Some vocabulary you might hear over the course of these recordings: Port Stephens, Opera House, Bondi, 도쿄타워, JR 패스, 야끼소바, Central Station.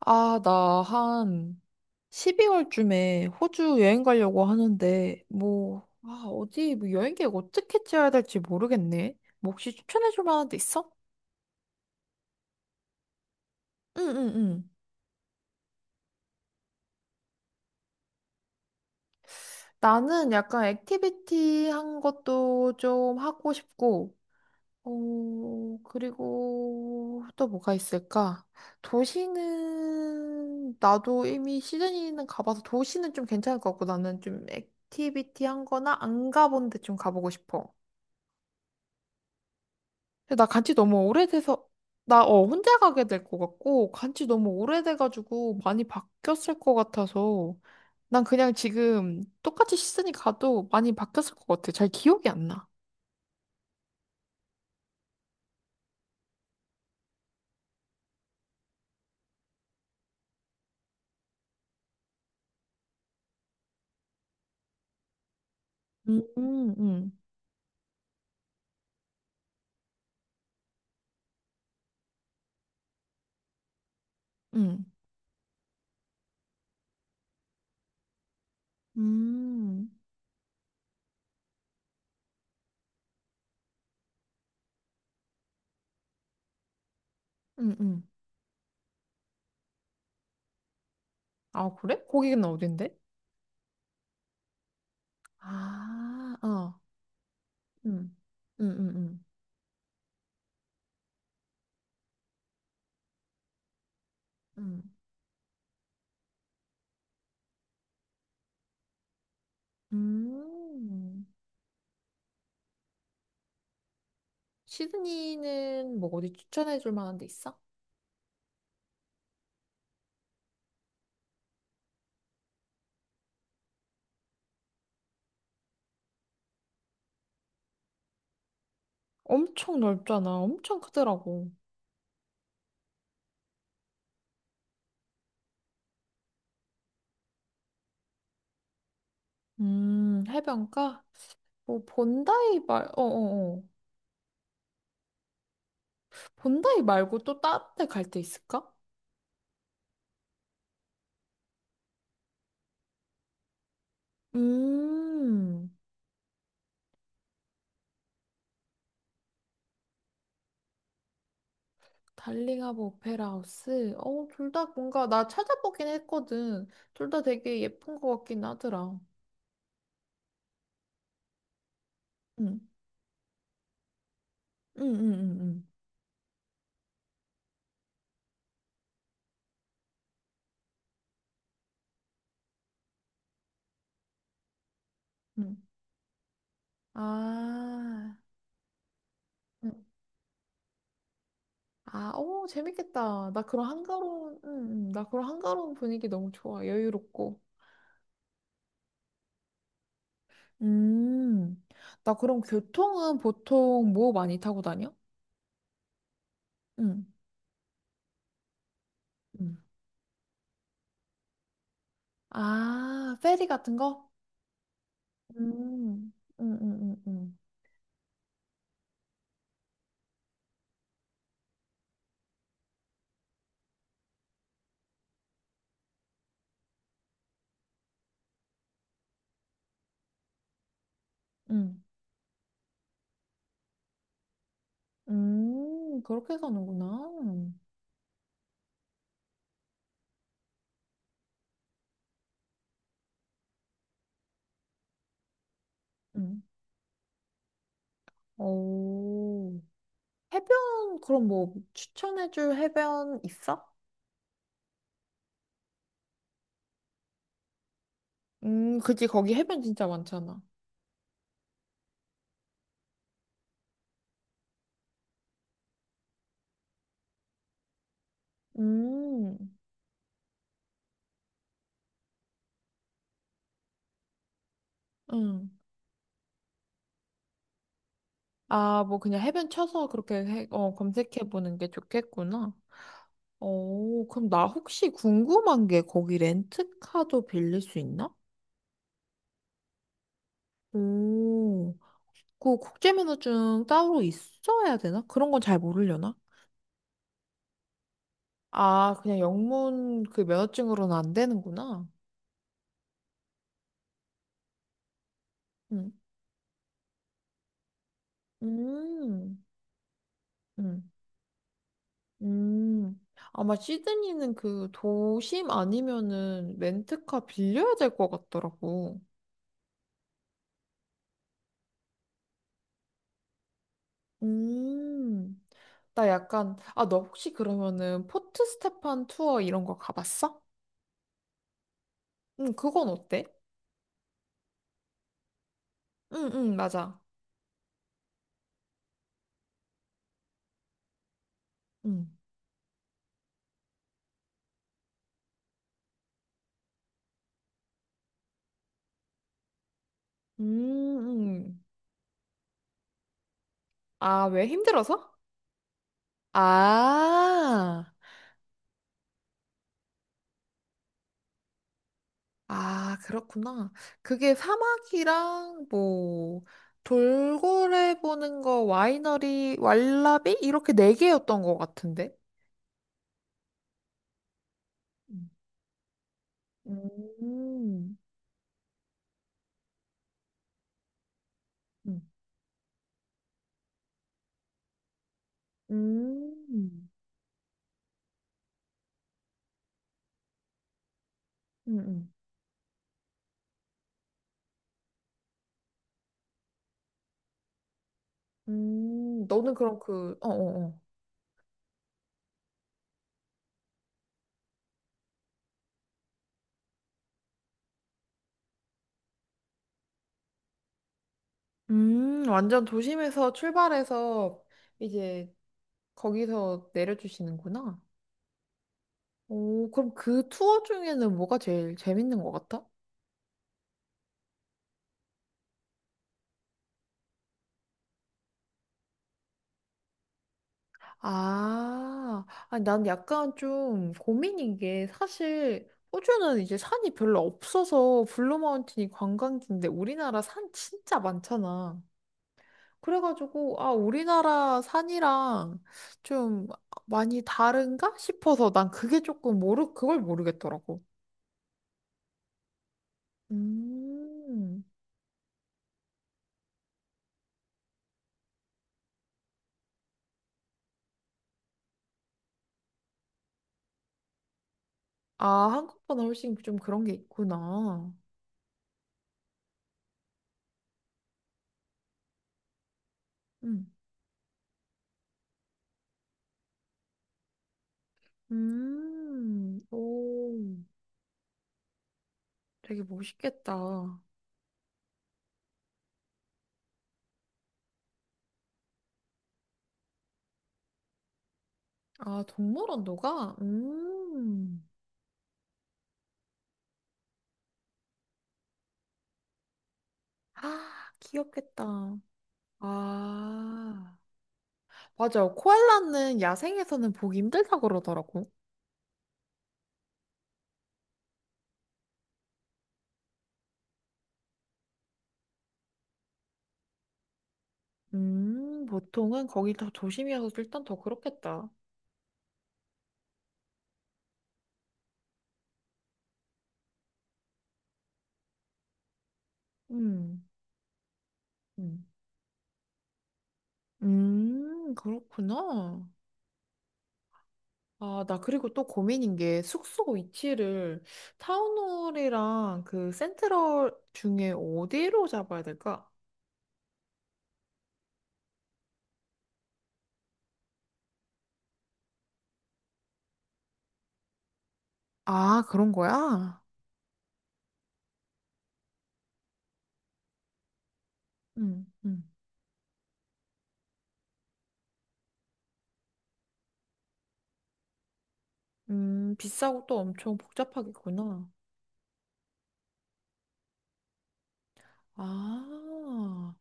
아, 나 한 12월쯤에 호주 여행 가려고 하는데, 뭐, 아, 어디, 뭐 여행 계획 어떻게 짜야 될지 모르겠네. 뭐 혹시 추천해줄 만한 데 있어? 응, 응, 응. 나는 약간 액티비티 한 것도 좀 하고 싶고, 어, 그리고 또 뭐가 있을까? 도시는, 나도 이미 시드니는 가봐서 도시는 좀 괜찮을 것 같고, 나는 좀 액티비티 한 거나 안 가본 데 좀 가보고 싶어. 근데 나 간지 너무 오래돼서 나 혼자 가게 될 것 같고 간지 너무 오래돼가지고 많이 바뀌었을 것 같아서 난 그냥 지금 똑같이 시즌이 가도 많이 바뀌었을 것 같아. 잘 기억이 안 나. 음, 음, 음, 음, 음, 음. 아, 그래? 거기는 어딘데? 아, 어, 음, 음, 음, 음, 음. 시드니는 뭐 어디 추천해줄 만한 데 있어? 엄청 넓잖아. 엄청 크더라고. 해변가? 뭐, 본다이 말, 어어어. 본다이 말고 또 다른 데 갈 데 있을까? 음, 달링하고 오페라 하우스. 어, 둘 다 뭔가, 나 찾아보긴 했거든. 둘 다 되게 예쁜 것 같긴 하더라. 응, 응, 응, 응, 응. 응. 아, 응. 아, 오, 재밌겠다. 나 그런 한가로운, 응, 응. 나 그런 한가로운 분위기 너무 좋아. 여유롭고. 음, 나 그럼 교통은 보통 뭐 많이 타고 다녀? 응. 응, 아, 페리 같은 거? 음. 응, 응, 응, 응. 응. 그렇게 사는구나. 응. 오. 해변, 그럼 뭐 추천해줄 해변 있어? 그치. 거기 해변 진짜 많잖아. 음, 응. 아, 뭐 그냥 해변 쳐서 그렇게 해, 어, 검색해보는 게 좋겠구나. 오, 그럼 나 혹시 궁금한 게 거기 렌트카도 빌릴 수 있나? 오, 그 국제 면허증 따로 있어야 되나? 그런 건 잘 모르려나? 아, 그냥 영문 그 면허증으로는 안 되는구나. 음, 음, 음, 음. 아마 시드니는 그 도심 아니면은 렌트카 빌려야 될 것 같더라고. 음, 나 약간, 아, 너 혹시 그러면은 포트 스테판 투어 이런 거 가봤어? 응, 그건 어때? 응, 응, 맞아. 응, 음, 음. 아, 왜 힘들어서? 아, 아, 그렇구나. 그게 사막이랑 뭐 돌고래 보는 거, 와이너리, 왈라비 이렇게 네 개였던 것 같은데. 음, 음, 음, 음, 음, 너는 그럼 그, 어, 어, 어. 완전 도심에서 출발해서 이제 거기서 내려주시는구나. 오, 그럼 그 투어 중에는 뭐가 제일 재밌는 것 같아? 아, 아니, 난 약간 좀 고민인 게 사실 호주는 이제 산이 별로 없어서 블루마운틴이 관광지인데 우리나라 산 진짜 많잖아. 그래가지고 아, 우리나라 산이랑 좀 많이 다른가 싶어서 난 그게 조금 모르 그걸 모르겠더라고. 음. 아, 한국보다 훨씬 좀 그런 게 있구나. 음. 음. 오, 되게 멋있겠다. 아, 동물원도가? 음. 아, 귀엽겠다. 아, 맞아요. 코알라는 야생에서는 보기 힘들다 그러더라고. 보통은 거기 더 조심이어서 일단 더 그렇겠다. 음, 음. 그렇구나. 아, 나 그리고 또 고민인 게 숙소 위치를 타운홀이랑 그 센트럴 중에 어디로 잡아야 될까? 아, 그런 거야? 음, 음. 비싸고 또 엄청 복잡하겠구나. 아,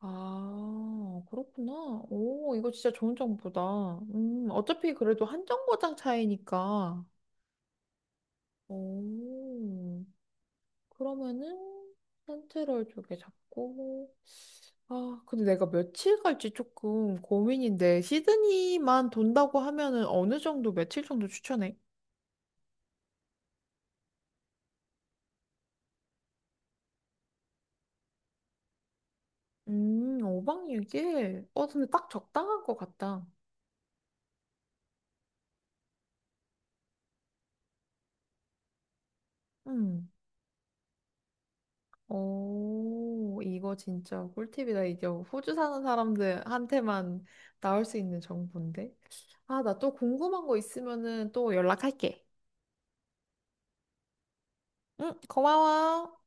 아, 그렇구나. 오, 이거 진짜 좋은 정보다. 어차피 그래도 한 정거장 차이니까. 오, 그러면은 센트럴 쪽에 잡고. 아, 근데 내가 며칠 갈지 조금 고민인데, 시드니만 돈다고 하면은 어느 정도, 며칠 정도 추천해? 5박 6일 어, 근데 딱 적당한 것 같다. 음. 오, 이거 진짜 꿀팁이다. 이게 호주 사는 사람들한테만 나올 수 있는 정보인데. 아, 나 또 궁금한 거 있으면은 또 연락할게. 응, 고마워.